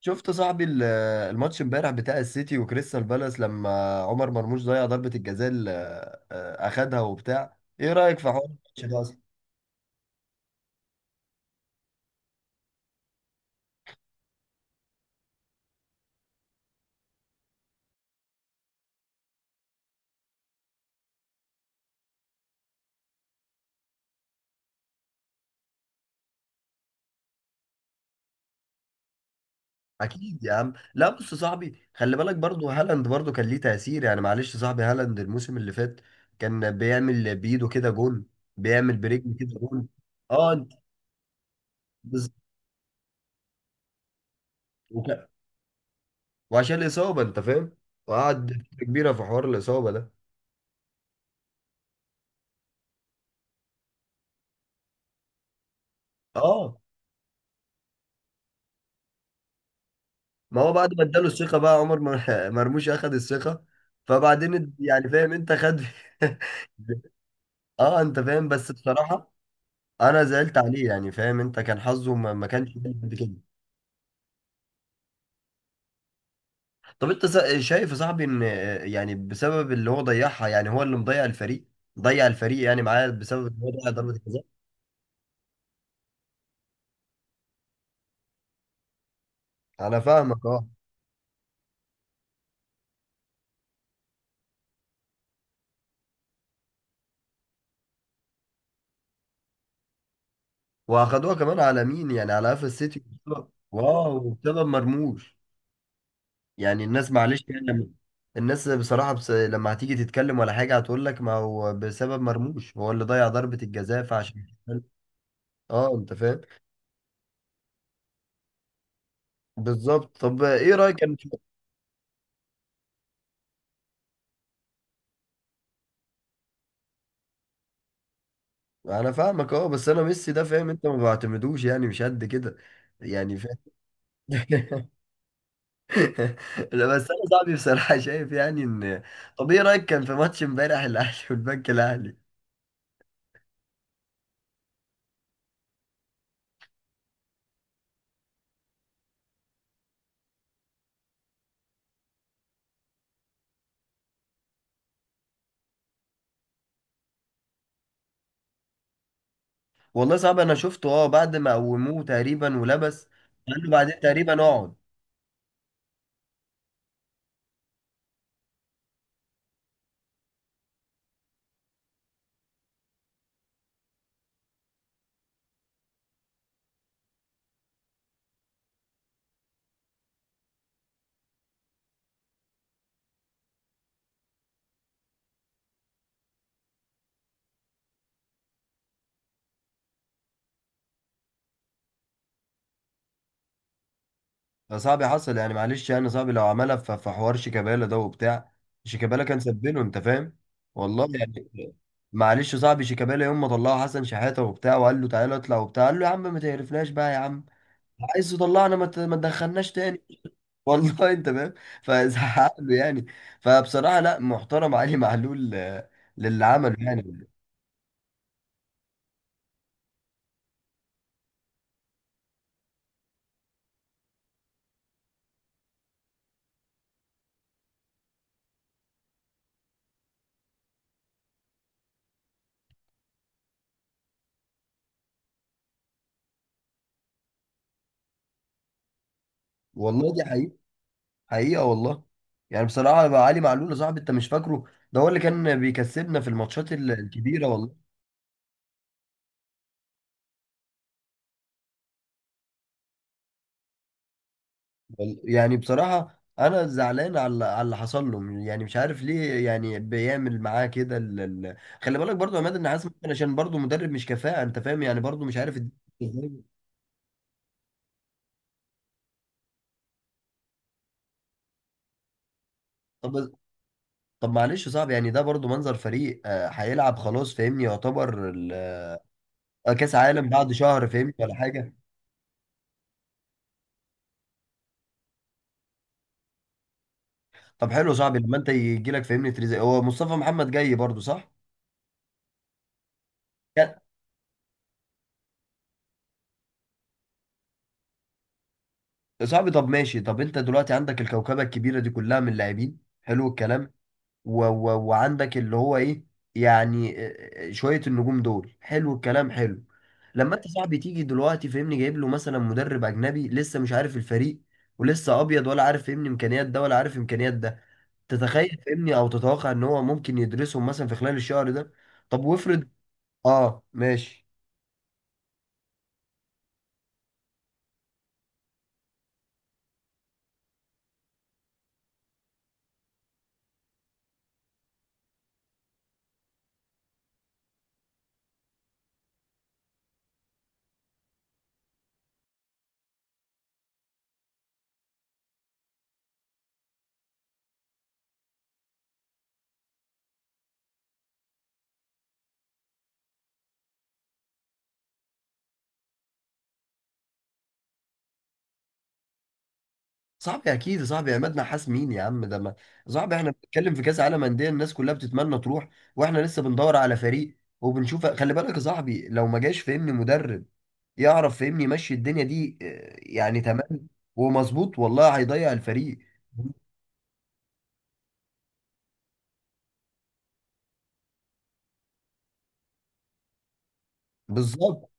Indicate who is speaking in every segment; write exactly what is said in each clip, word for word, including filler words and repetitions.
Speaker 1: شفت صاحبي ال- الماتش امبارح بتاع السيتي وكريستال بالاس، لما عمر مرموش ضيع ضربة الجزاء اللي آه، اخدها وبتاع، ايه رأيك في حوار الماتش ده اصلا؟ اكيد يا عم. لا بص يا صاحبي، خلي بالك برضو هالاند برضو كان ليه تأثير. يعني معلش يا صاحبي، هالاند الموسم اللي فات كان بيعمل بايده كده جون، بيعمل برجل كده جون. اه انت بز- وك- وعشان الإصابة انت فاهم، وقعد فترة كبيرة في حوار الإصابة ده. اه، ما هو بعد ما اداله الثقة بقى عمر مر- مرموش اخد الثقة، فبعدين اد- يعني فاهم انت خد. اه انت فاهم، بس بصراحة انا زعلت عليه. يعني فاهم انت، كان حظه ما ما كانش حلو قد كده. طب انت سا- شايف يا صاحبي ان يعني بسبب اللي هو ضيعها، يعني هو اللي مضيع الفريق، ضيع الفريق يعني معاه، بسبب ان هو ضيع ضربة الجزاء؟ انا فاهمك اه. واخدوها كمان على مين؟ يعني على قفا السيتي. واو، بسبب مرموش. يعني الناس معلش يعني لما الناس بصراحة، بس لما هتيجي تتكلم ولا حاجة هتقول لك، ما هو بسبب مرموش، هو اللي ضيع ضربة الجزاء، فعشان. اه انت فاهم. بالظبط. طب ايه رأيك؟ انا. انا فاهمك اه، بس انا ميسي ده فاهم انت ما بعتمدوش، يعني مش قد كده يعني فاهم. لا بس انا صاحبي بصراحة شايف يعني ان. طب ايه رأيك كان في ماتش امبارح الاهلي والبنك الاهلي؟ والله صعب، انا شفته اه، بعد ما قوموه تقريبا ولبس. قال له بعدين تقريبا اقعد. ده صعب حصل، يعني معلش يعني صعب. لو عملها في في حوار شيكابالا ده وبتاع، شيكابالا كان سبله انت فاهم، والله يعني. معلش صعب، شيكابالا يوم ما طلعوا حسن شحاته وبتاع وقال له تعالى اطلع وبتاع، قال له يا عم ما تقرفناش بقى يا عم، عايز تطلعنا؟ ما ت- ما تدخلناش تاني. والله انت فاهم، فزعق له يعني. فبصراحه لا، محترم علي معلول آه، للي عمله يعني. والله دي حقيقه. حقيقه والله. يعني بصراحه بقى علي معلول يا صاحبي، انت مش فاكره؟ ده هو اللي كان بيكسبنا في الماتشات ال- الكبيره والله. وال- يعني بصراحة أنا زعلان على اللي- على اللي حصل له، يعني مش عارف ليه يعني بيعمل معاه كده. ال... ال... خلي بالك برضو يا عماد، إن حاسس ممكن عشان برضو مدرب مش كفاءة أنت فاهم. يعني برضو مش عارف الد- إزاي؟ طب. طب معلش يا صاحبي، يعني ده برضو منظر فريق آه، هيلعب خلاص فاهمني، يعتبر ال... آه، كأس عالم بعد شهر فاهمني ولا حاجة. طب حلو يا صاحبي، لما أنت يجي لك فاهمني تريزي، هو مصطفى محمد جاي برضو صح؟ يا صاحبي طب ماشي. طب أنت دلوقتي عندك الكوكبة الكبيرة دي كلها من اللاعبين، حلو الكلام. و و وعندك اللي هو ايه. يعني آه، آه، شوية النجوم دول حلو الكلام، حلو. لما انت صاحبي تيجي دلوقتي فاهمني، جايب له مثلا مدرب اجنبي لسه مش عارف الفريق، ولسه ابيض ولا عارف فاهمني امكانيات ده ولا عارف امكانيات ده، تتخيل فاهمني او تتوقع ان هو ممكن يدرسهم مثلا في خلال الشهر ده؟ طب وافرض. اه ماشي. صاحبي اكيد يا صاحبي، عماد نحاس مين يا عم ده؟ ما صاحبي احنا بنتكلم في كاس عالم انديه، الناس كلها بتتمنى تروح. واحنا لسه بندور على فريق. وبنشوف خلي بالك يا صاحبي، لو ما جاش فهمني مدرب يعرف فهمني يمشي الدنيا دي آه، يعني تمام ومظبوط، والله هيضيع الفريق. بالظبط.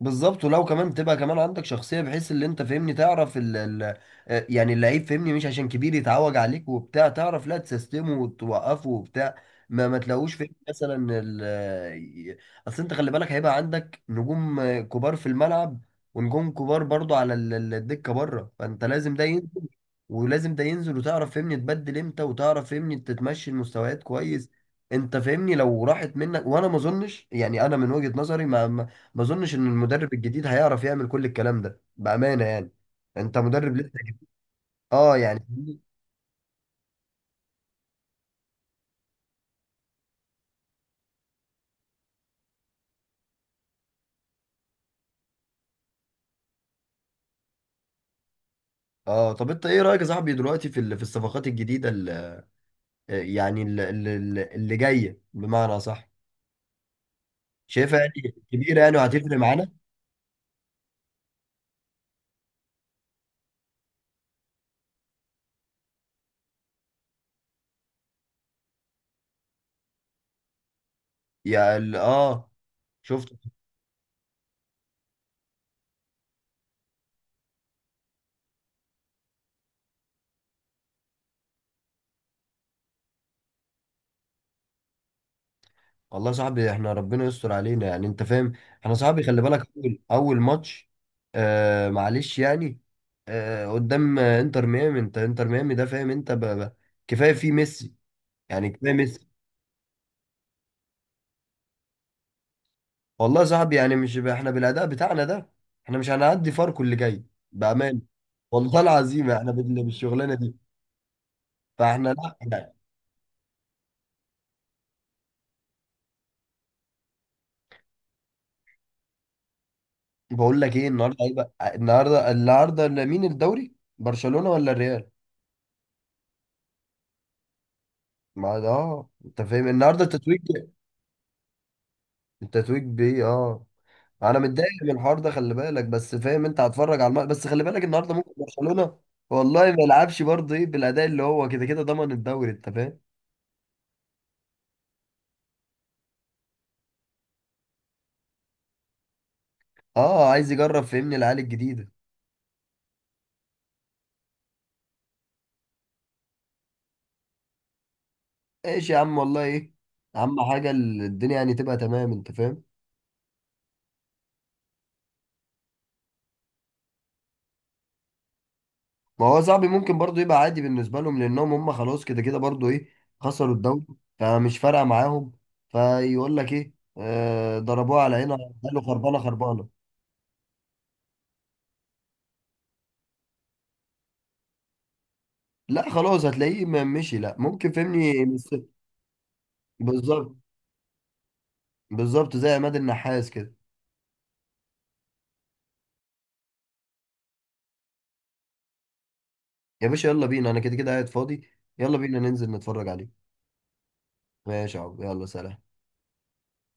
Speaker 1: بالظبط، ولو كمان تبقى كمان عندك شخصية، بحيث اللي انت فاهمني تعرف ال ال آه، يعني اللعيب فاهمني، مش عشان كبير يتعوج عليك وبتاع، تعرف لا، تسيستمه وتوقفه وبتاع. ما ما تلاقوش فاهمني مثلا ال ي- اصل انت خلي بالك هيبقى عندك نجوم كبار في الملعب، ونجوم كبار برضو على ال- ال- الدكة بره، فانت لازم ده ينزل، ولازم ده ينزل، وتعرف فاهمني تبدل امتى، وتعرف فاهمني تتمشي المستويات كويس. انت فاهمني لو راحت منك، وانا ما اظنش يعني، انا من وجهة نظري ما ما اظنش ان المدرب الجديد هيعرف يعمل كل الكلام ده بامانه يعني. انت مدرب لسه. اه يعني. اه. طب انت ايه رايك يا صاحبي دلوقتي في ال- في الصفقات الجديده ال- يعني ال- ال- ال- اللي جايه بمعنى صح، شايفها يعني كبيره يعني، وهتفرق معانا؟ يا ال- اه شفت. والله يا صاحبي احنا ربنا يستر علينا يعني انت فاهم. احنا صاحبي خلي بالك اول اول ماتش. آه معلش يعني. آه قدام انتر ميامي. انت انتر ميامي ده فاهم انت ب- ب- كفايه فيه ميسي. يعني كفايه ميسي. والله يا صاحبي يعني مش ب- احنا بالاداء بتاعنا ده، احنا مش هنعدي فاركو اللي جاي بامان، والله العظيم احنا بال- بالشغلانه دي. فاحنا لا يعني. بقول لك ايه النهارده، ايه بقى النهارده النهارده مين الدوري؟ برشلونه ولا الريال؟ ما ده اه انت فاهم، النهارده التتويج. التتويج بيه اه. انا متضايق من الحوار ده خلي بالك، بس فاهم انت هتفرج على الماتش، بس خلي بالك النهارده ممكن برشلونه والله ما يلعبش برضه، ايه بالاداء اللي هو كده كده ضمن الدوري انت فاهم. اه عايز يجرب فهمني العيال الجديده. ايش يا عم والله ايه. اهم حاجه ال- الدنيا يعني تبقى تمام انت فاهم. ما هو صاحبي ممكن برضو يبقى عادي بالنسبه لهم، لانهم هم خلاص كده كده برضو ايه، خسروا الدوري. فمش فارقه معاهم. فيقول لك ايه. آه ضربوه على عينها. قالوا خربانه خربانه. لا خلاص، هتلاقيه ما مشي، لا ممكن فهمني بس- بالظبط. بالظبط زي عماد النحاس كده. يا باشا يلا بينا، انا كده كده قاعد فاضي. يلا بينا ننزل نتفرج عليه. ماشي يا عم، يلا سلام.